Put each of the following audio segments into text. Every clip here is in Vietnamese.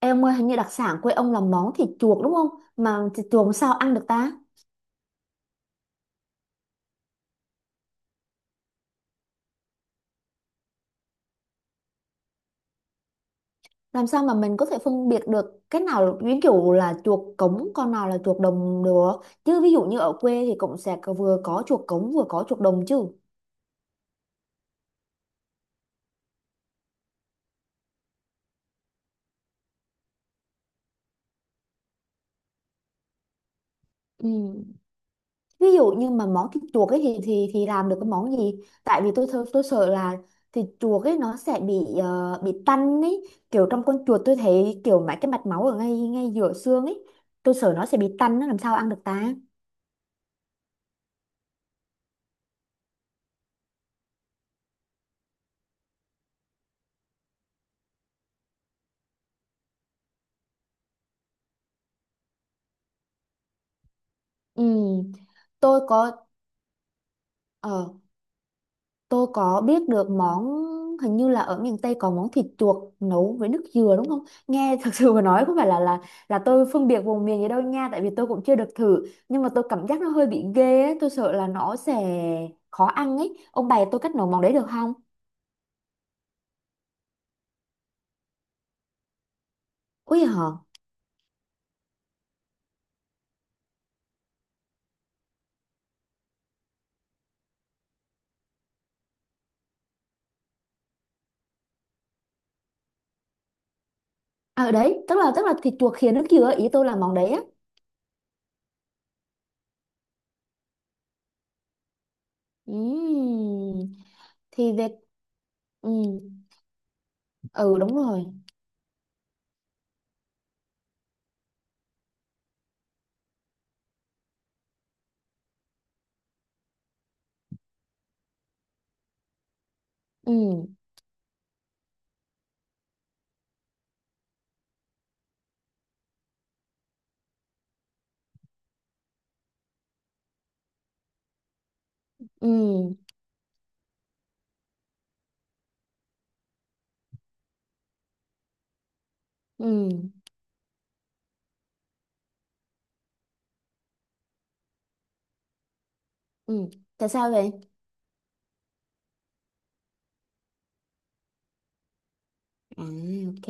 Em ơi, hình như đặc sản quê ông là món thịt chuột đúng không? Mà thịt chuột làm sao ăn được ta? Làm sao mà mình có thể phân biệt được cái nào ví dụ là chuột cống, con nào là chuột đồng được? Chứ ví dụ như ở quê thì cũng sẽ vừa có chuột cống vừa có chuột đồng chứ. Ừ. Ví dụ như mà món thịt chuột ấy thì làm được cái món gì? Tại vì tôi sợ là thịt chuột ấy nó sẽ bị tanh ấy, kiểu trong con chuột tôi thấy kiểu mấy cái mạch máu ở ngay ngay giữa xương ấy, tôi sợ nó sẽ bị tanh, nó làm sao ăn được ta? Ừ. tôi có ờ tôi có biết được món, hình như là ở miền Tây có món thịt chuột nấu với nước dừa đúng không nghe, thật sự mà nói, có phải là là tôi phân biệt vùng miền gì đâu nha, tại vì tôi cũng chưa được thử, nhưng mà tôi cảm giác nó hơi bị ghê ấy. Tôi sợ là nó sẽ khó ăn ấy, ông bày tôi cách nấu món đấy được không? Ui, hả? Ở đấy tức là thịt chuột khìa nước dừa, ý tôi là món đấy á. Ừm, thì về. Ừ. Ừ, đúng rồi. Ừ. Ừ. Ừ. Ừ. Tại sao vậy? À, ok.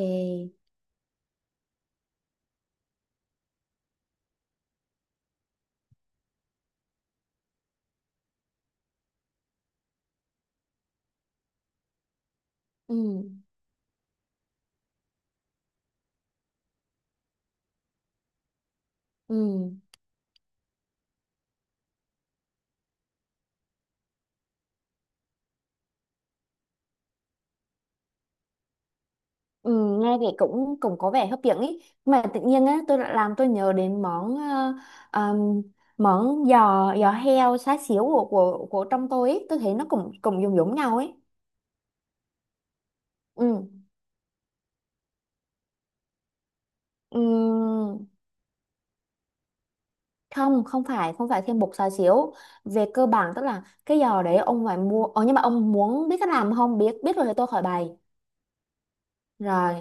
Ừ. Ừ. Ừ, nghe thì cũng cũng có vẻ hấp dẫn ý, mà tự nhiên á tôi lại làm tôi nhớ đến món ờm, món giò giò heo xá xíu của trong tôi ý, tôi thấy nó cũng cũng giống giống nhau ấy. Ừ. Ừm, không, không phải thêm bột xá xíu, về cơ bản tức là cái giò đấy ông phải mua, nhưng mà ông muốn biết cách làm không? Biết biết rồi thì tôi khỏi bày. Rồi.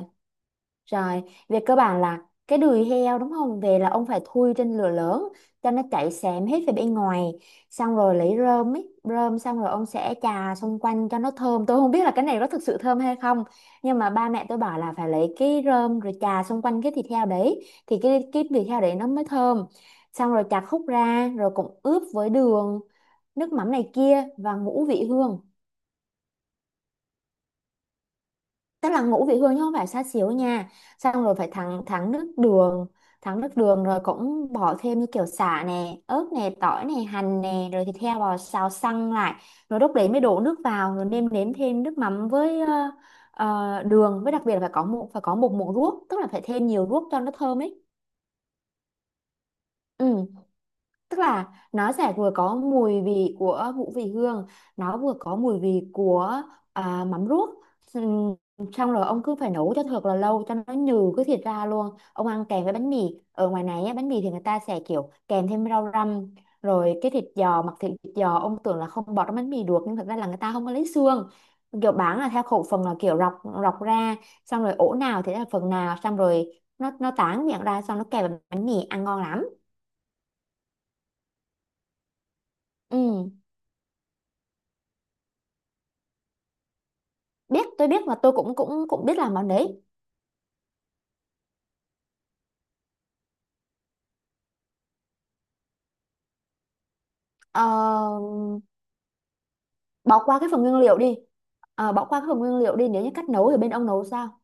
Rồi, về cơ bản là cái đùi heo đúng không? Về là ông phải thui trên lửa lớn cho nó chảy xém hết về bên ngoài. Xong rồi lấy rơm, xong rồi ông sẽ chà xung quanh cho nó thơm. Tôi không biết là cái này có thực sự thơm hay không. Nhưng mà ba mẹ tôi bảo là phải lấy cái rơm rồi chà xung quanh cái thịt heo đấy thì cái thịt heo đấy nó mới thơm. Xong rồi chặt khúc ra rồi cũng ướp với đường, nước mắm này kia và ngũ vị hương. Tức là ngũ vị hương chứ không phải xá xíu nha. Xong rồi phải thắng thắng nước đường, thắng nước đường rồi cũng bỏ thêm như kiểu sả nè, ớt nè, tỏi nè, hành nè, rồi thịt heo vào xào săn lại, rồi lúc đấy mới đổ nước vào, rồi nêm nếm thêm nước mắm với đường, với đặc biệt là phải có một muỗng ruốc, tức là phải thêm nhiều ruốc cho nó thơm ấy. Ừ. Tức là nó sẽ vừa có mùi vị của ngũ vị hương, nó vừa có mùi vị của mắm ruốc. Ừm, xong rồi ông cứ phải nấu cho thật là lâu cho nó nhừ cái thịt ra luôn, ông ăn kèm với bánh mì. Ở ngoài này á, bánh mì thì người ta sẽ kiểu kèm thêm rau răm, rồi cái thịt giò, mặc thịt giò ông tưởng là không bỏ trong bánh mì được nhưng thật ra là người ta không có lấy xương, kiểu bán là theo khẩu phần, là kiểu rọc rọc ra, xong rồi ổ nào thì là phần nào, xong rồi nó tán miệng ra, xong nó kèm với bánh mì ăn ngon lắm. Ừ. Biết, tôi biết, và tôi cũng cũng cũng biết làm món đấy. Ờ, bỏ qua cái phần nguyên liệu đi. Ờ, bỏ qua cái phần nguyên liệu đi, nếu như cách nấu thì bên ông nấu sao?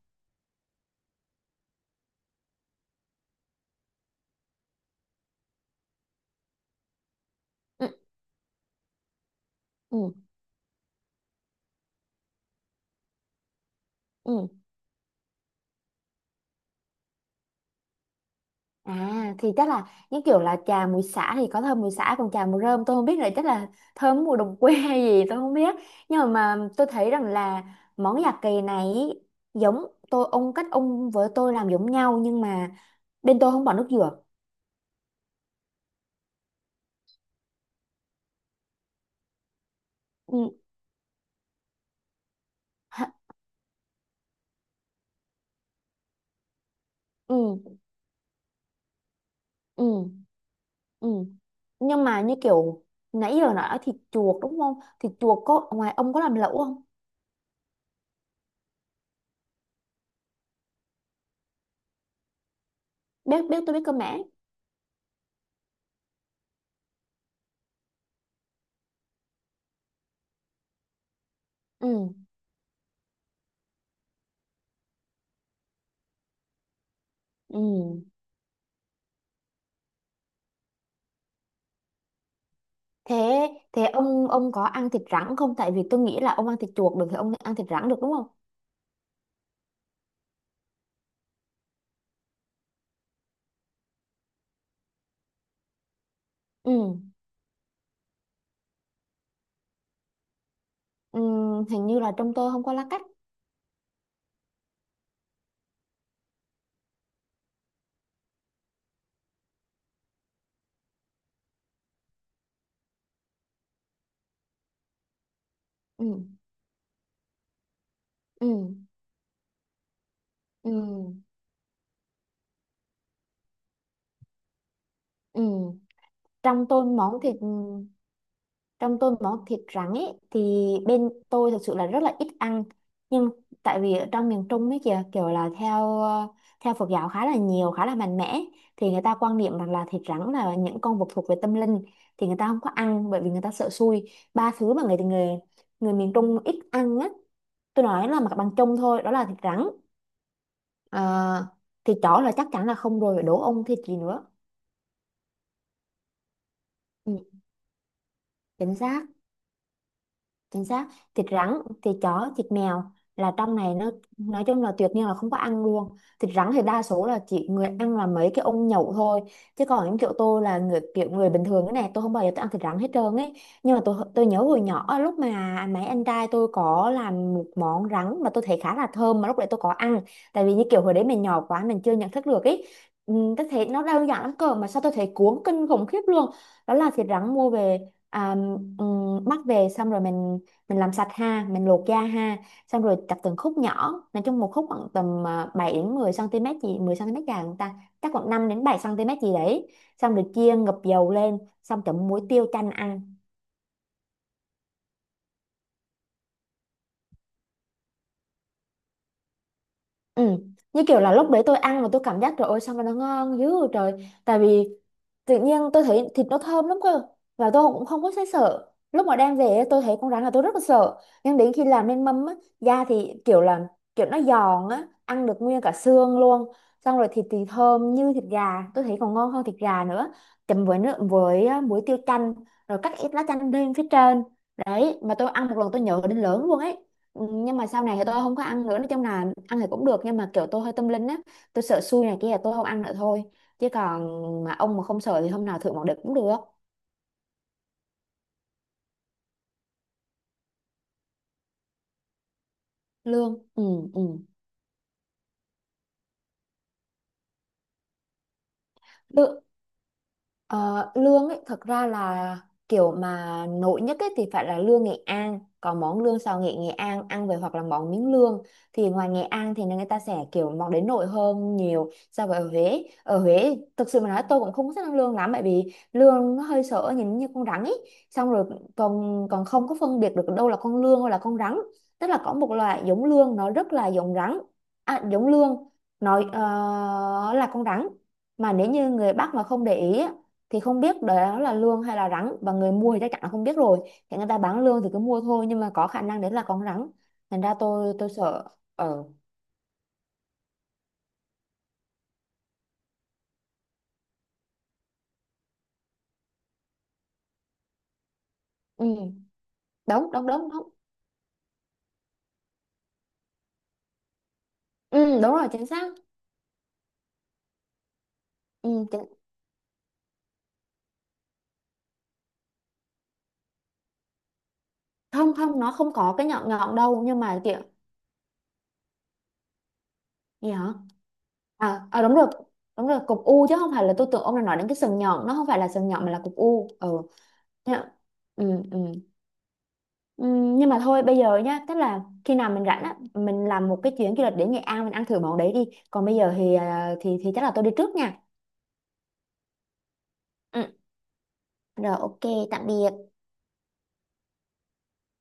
Ừ, ừ, ừ. À, thì chắc là những kiểu là trà mùi xả thì có thơm mùi xả, còn trà mùi rơm tôi không biết, là chắc là thơm mùi đồng quê hay gì tôi không biết. Nhưng mà tôi thấy rằng là món già kỳ này ý, giống, tôi ông, cách ông với tôi làm giống nhau, nhưng mà bên tôi không bỏ nước dừa. Ừ. Hả. Ừ. Ừ. Ừ. Nhưng mà như kiểu nãy giờ nói thịt chuột đúng không? Thịt chuột có, ngoài ông có làm lẩu không? Biết biết tôi biết cơ mà. Ừ. Ừ. Thế thế ông có ăn thịt rắn không? Tại vì tôi nghĩ là ông ăn thịt chuột được thì ông ăn thịt rắn được đúng không? Ừ. Ừ. Hình như là trong tôi không có lá cách. Ừ. Ừ. Ừ. Ừ. Trong tôi món thịt trong tôi món thịt rắn ấy thì bên tôi thực sự là rất là ít ăn, nhưng tại vì ở trong miền Trung ấy kìa, kiểu là theo theo Phật giáo khá là nhiều, khá là mạnh mẽ, thì người ta quan niệm rằng là thịt rắn là những con vật thuộc về tâm linh, thì người ta không có ăn, bởi vì người ta sợ xui. Ba thứ mà người người người miền Trung ít ăn á, tôi nói là mặt bằng chung thôi, đó là thịt rắn. Ờ, thịt chó là chắc chắn là không rồi, đố ông thịt gì nữa. Ừ, chính xác. Chính xác. Thịt rắn, thịt chó, thịt mèo, là trong này nó nói chung là tuyệt nhiên là không có ăn luôn. Thịt rắn thì đa số là chỉ người ăn là mấy cái ông nhậu thôi, chứ còn những kiểu tôi là người, kiểu người bình thường, cái này tôi không bao giờ tôi ăn thịt rắn hết trơn ấy. Nhưng mà tôi nhớ hồi nhỏ, lúc mà mấy anh trai tôi có làm một món rắn mà tôi thấy khá là thơm, mà lúc đấy tôi có ăn, tại vì như kiểu hồi đấy mình nhỏ quá mình chưa nhận thức được ấy. Ừ, tôi thấy nó đơn giản lắm, cơ mà sao tôi thấy cuốn kinh khủng khiếp luôn. Đó là thịt rắn mua về, à, ừ, mắc về xong rồi mình làm sạch ha, mình luộc da ha, xong rồi cắt từng khúc nhỏ, nói chung một khúc khoảng tầm 7 đến 10 cm gì, 10 cm dài không ta, chắc khoảng 5 đến 7 cm gì đấy, xong rồi chiên ngập dầu lên, xong chấm muối tiêu chanh ăn. Ừ. Như kiểu là lúc đấy tôi ăn mà tôi cảm giác trời ơi sao mà nó ngon dữ vậy trời. Tại vì tự nhiên tôi thấy thịt nó thơm lắm cơ. Và tôi cũng không có thấy sợ. Lúc mà đem về ấy, tôi thấy con rắn là tôi rất là sợ, nhưng đến khi làm nên mâm á, da thì kiểu nó giòn á, ăn được nguyên cả xương luôn. Xong rồi thịt thì thơm như thịt gà, tôi thấy còn ngon hơn thịt gà nữa. Chấm với nước, với á, muối tiêu chanh, rồi cắt ít lá chanh lên phía trên. Đấy, mà tôi ăn một lần tôi nhớ đến lớn luôn ấy. Ừ, nhưng mà sau này thì tôi không có ăn nữa, nói chung là ăn thì cũng được, nhưng mà kiểu tôi hơi tâm linh á, tôi sợ xui này kia là tôi không ăn nữa thôi, chứ còn, mà ông mà không sợ thì hôm nào thử một đợt cũng được. Lương. Ừ. Ừ. Lự- Ờ, lương ấy thật ra là, kiểu mà nổi nhất ấy thì phải là lương Nghệ An, có món lương xào nghệ Nghệ An ăn về, hoặc là món miếng lương, thì ngoài Nghệ An thì người ta sẽ kiểu, món đến nổi hơn nhiều so với ở Huế. Ở Huế thực sự mà nói tôi cũng không có thích ăn lương lắm, bởi vì lương nó hơi sợ, nhìn như con rắn ấy, xong rồi còn còn không có phân biệt được đâu là con lương hay là con rắn, tức là có một loại giống lương nó rất là giống rắn, à, giống lương nói là con rắn, mà nếu như người Bắc mà không để ý á, thì không biết đó là lương hay là rắn, và người mua thì chắc chắn là không biết rồi, thì người ta bán lương thì cứ mua thôi, nhưng mà có khả năng đấy là con rắn, thành ra tôi sợ. Ờ. Ừ. Đúng, đúng, đúng, đúng. Ừ, đúng rồi, chính xác. Ừ, chính... Không, không, nó không có cái nhọn nhọn đâu, nhưng mà kiểu, gì hả? À, à, đúng rồi. Đúng rồi, cục u chứ không phải, là tôi tưởng ông là nói đến cái sừng nhọn, nó không phải là sừng nhọn mà là cục u. Ừ. Thế ạ. Ừ, ừ. Nhưng mà thôi bây giờ nhá, tức là khi nào mình rảnh á mình làm một cái chuyến du lịch đến Nghệ An mình ăn thử món đấy đi, còn bây giờ thì à, thì thì chắc là tôi đi trước nha. Ừ. Rồi, ok. Tạm biệt.